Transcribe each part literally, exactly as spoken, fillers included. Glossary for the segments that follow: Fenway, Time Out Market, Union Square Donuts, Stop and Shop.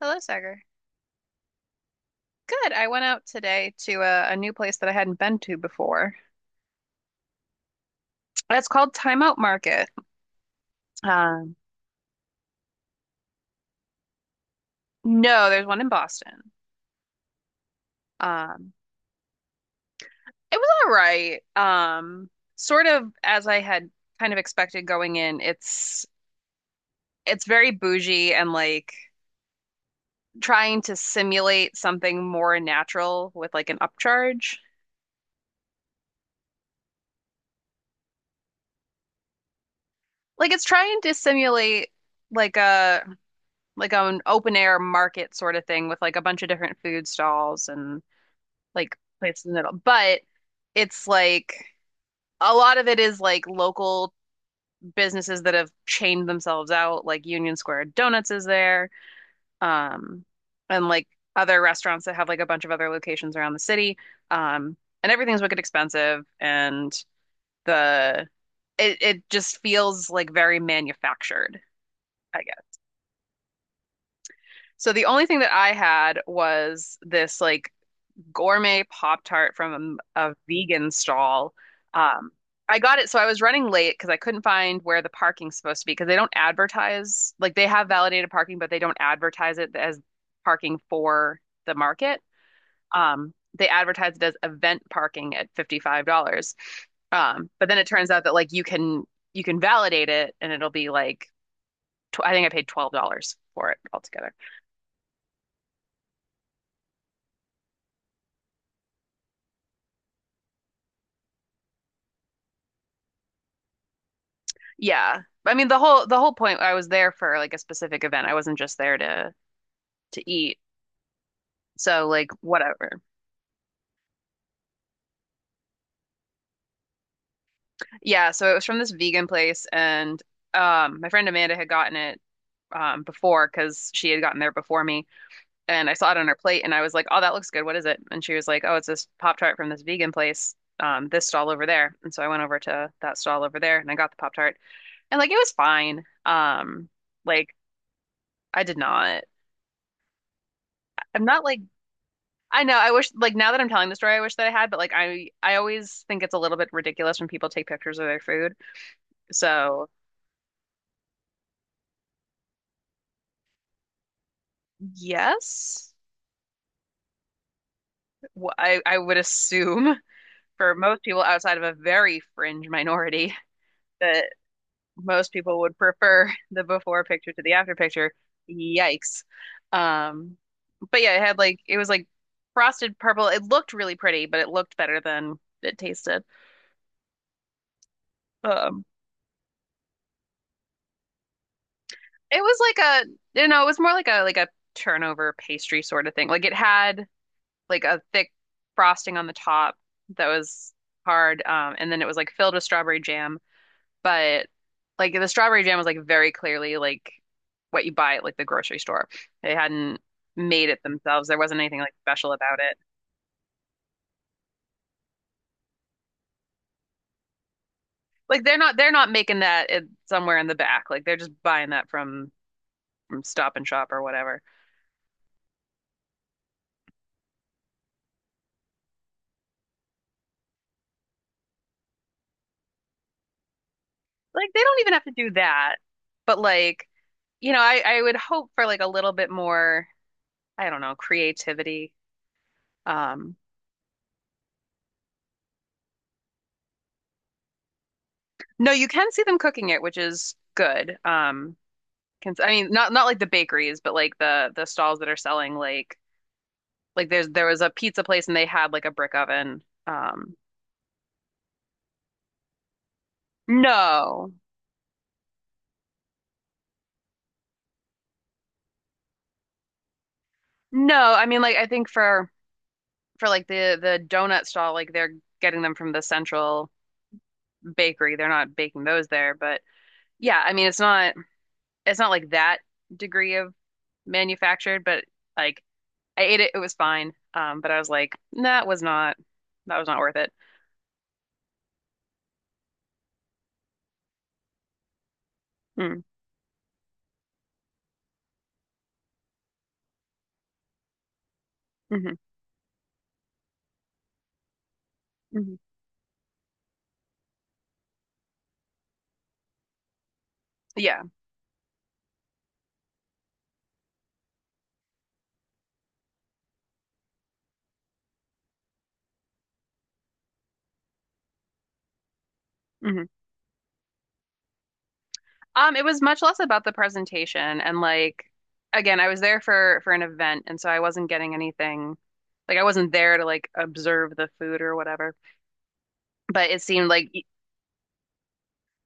Hello, Sagar. Good. I went out today to a, a new place that I hadn't been to before. It's called Time Out Market. Um, no, there's one in Boston. Um, it was all right. Um, sort of as I had kind of expected going in. It's it's very bougie and like trying to simulate something more natural with like an upcharge. Like it's trying to simulate like a like an open air market sort of thing with like a bunch of different food stalls and like places in the middle. But it's like a lot of it is like local businesses that have chained themselves out, like Union Square Donuts is there, um, and like other restaurants that have like a bunch of other locations around the city. Um, and everything's wicked expensive and the it it just feels like very manufactured, I guess. So the only thing that I had was this like gourmet Pop Tart from a, a vegan stall. Um, I got it, so I was running late because I couldn't find where the parking's supposed to be because they don't advertise, like they have validated parking, but they don't advertise it as parking for the market. Um, they advertise it as event parking at fifty-five dollars. Um, but then it turns out that like you can you can validate it and it'll be like tw I think I paid twelve dollars for it altogether. Yeah. I mean the whole the whole point I was there for like a specific event. I wasn't just there to to eat. So like whatever. Yeah, so it was from this vegan place and um my friend Amanda had gotten it um before because she had gotten there before me and I saw it on her plate and I was like, "Oh, that looks good. What is it?" And she was like, "Oh, it's this Pop-Tart from this vegan place. Um this stall over there." And so I went over to that stall over there and I got the Pop-Tart. And like it was fine. Um like I did not I'm not like I know. I wish, like, now that I'm telling the story, I wish that I had, but like, I I always think it's a little bit ridiculous when people take pictures of their food. So yes, Wh- I, I would assume for most people outside of a very fringe minority that most people would prefer the before picture to the after picture. Yikes. Um, but yeah, it had like it was like frosted purple. It looked really pretty, but it looked better than it tasted. Um, it was like a you know, it was more like a like a turnover pastry sort of thing. Like it had like a thick frosting on the top that was hard, um, and then it was like filled with strawberry jam. But like the strawberry jam was like very clearly like what you buy at like the grocery store. They hadn't made it themselves. There wasn't anything like special about it. Like they're not they're not making that at, somewhere in the back. Like they're just buying that from from Stop and Shop or whatever. Like they don't even have to do that. But like, you know, I I would hope for like a little bit more, I don't know, creativity. Um no, you can see them cooking it, which is good. Um Can, I mean, not not like the bakeries, but like the the stalls that are selling like like there's there was a pizza place and they had like a brick oven. Um, no, no, I mean like I think for for like the the donut stall, like they're getting them from the central bakery. They're not baking those there, but yeah, I mean it's not it's not like that degree of manufactured, but like I ate it, it was fine. Um, but I was like, that was not that was not worth it. Mm, hmm hmm. Yeah. Mhm. Um, it was much less about the presentation and like again, I was there for for an event and so I wasn't getting anything like I wasn't there to like observe the food or whatever. But it seemed like y-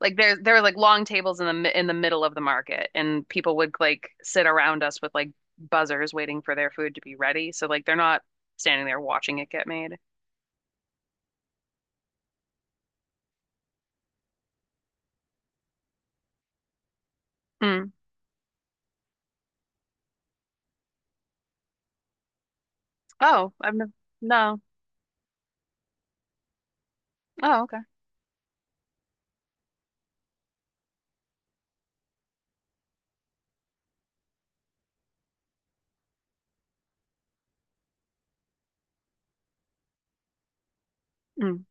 like there there were like long tables in the mi- in the middle of the market and people would like sit around us with like buzzers waiting for their food to be ready. So like they're not standing there watching it get made. Mm. Oh, I've no, no. Oh, okay. Mm.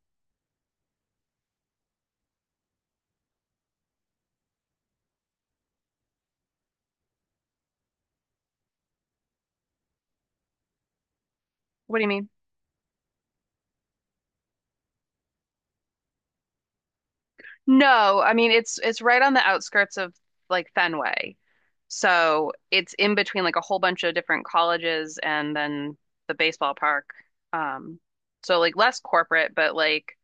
What do you mean? No, I mean it's it's right on the outskirts of like Fenway. So it's in between like a whole bunch of different colleges and then the baseball park. Um, so like less corporate, but like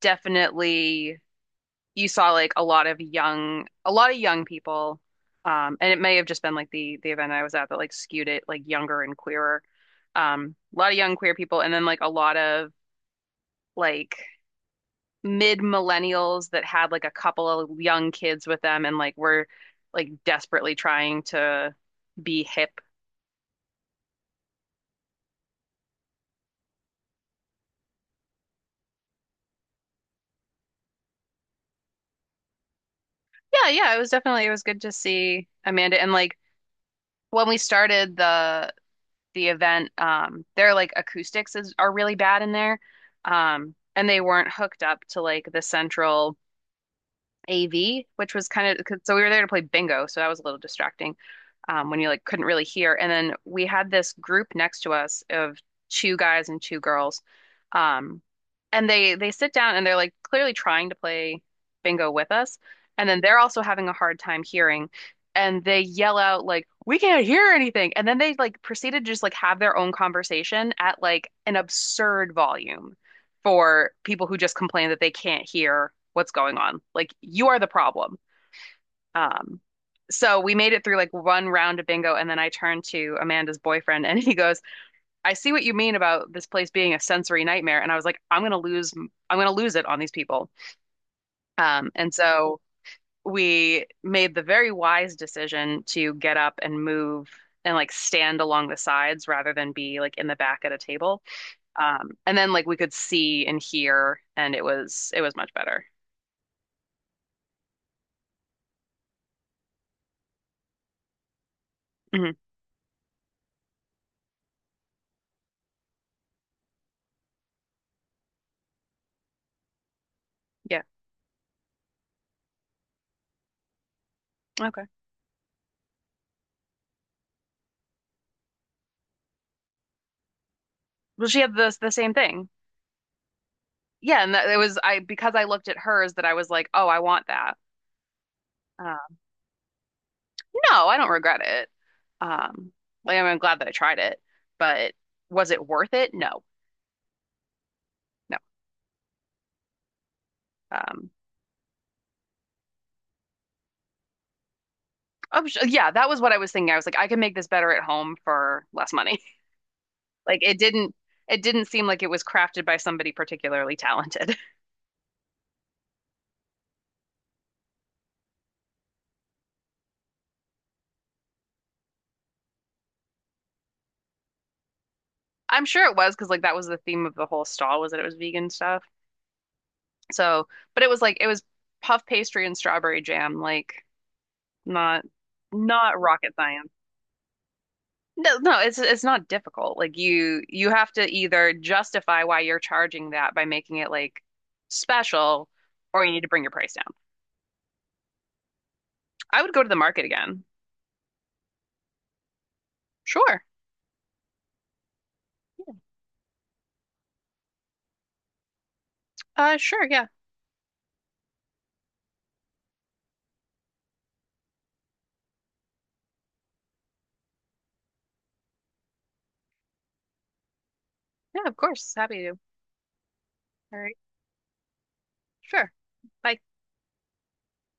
definitely you saw like a lot of young a lot of young people. Um, and it may have just been like the the event I was at that like skewed it like younger and queerer. Um, a lot of young queer people and then like a lot of like mid millennials that had like a couple of young kids with them and like were like desperately trying to be hip. Yeah, yeah, it was definitely it was good to see Amanda and like when we started the the event, um their like acoustics is are really bad in there. Um and they weren't hooked up to like the central A V, which was kind of so we were there to play bingo, so that was a little distracting um, when you like couldn't really hear. And then we had this group next to us of two guys and two girls, um, and they they sit down and they're like clearly trying to play bingo with us, and then they're also having a hard time hearing, and they yell out like we can't hear anything, and then they like proceeded to just like have their own conversation at like an absurd volume for people who just complain that they can't hear what's going on. Like you are the problem. Um, so we made it through like one round of bingo, and then I turned to Amanda's boyfriend, and he goes, "I see what you mean about this place being a sensory nightmare." And I was like, "I'm gonna lose, I'm gonna lose it on these people." Um, and so we made the very wise decision to get up and move and like stand along the sides rather than be like in the back at a table. Um, and then like we could see and hear, and it was it was much better. Hmm. Yeah. Okay. Well, she had the the same thing. Yeah, and that, it was I because I looked at hers that I was like, oh, I want that. Uh, no, I don't regret it. Um, like, I mean, I'm glad that I tried it, but was it worth it? No, no. Um, I'm su- yeah, that was what I was thinking. I was like, I can make this better at home for less money. Like it didn't it didn't seem like it was crafted by somebody particularly talented. I'm sure it was because like that was the theme of the whole stall was that it was vegan stuff. So, but it was like it was puff pastry and strawberry jam, like not not rocket science. No, no, it's it's not difficult. Like you you have to either justify why you're charging that by making it like special or you need to bring your price down. I would go to the market again. Sure. Uh sure, yeah. Yeah, of course. Happy to. All right. Sure. Bye.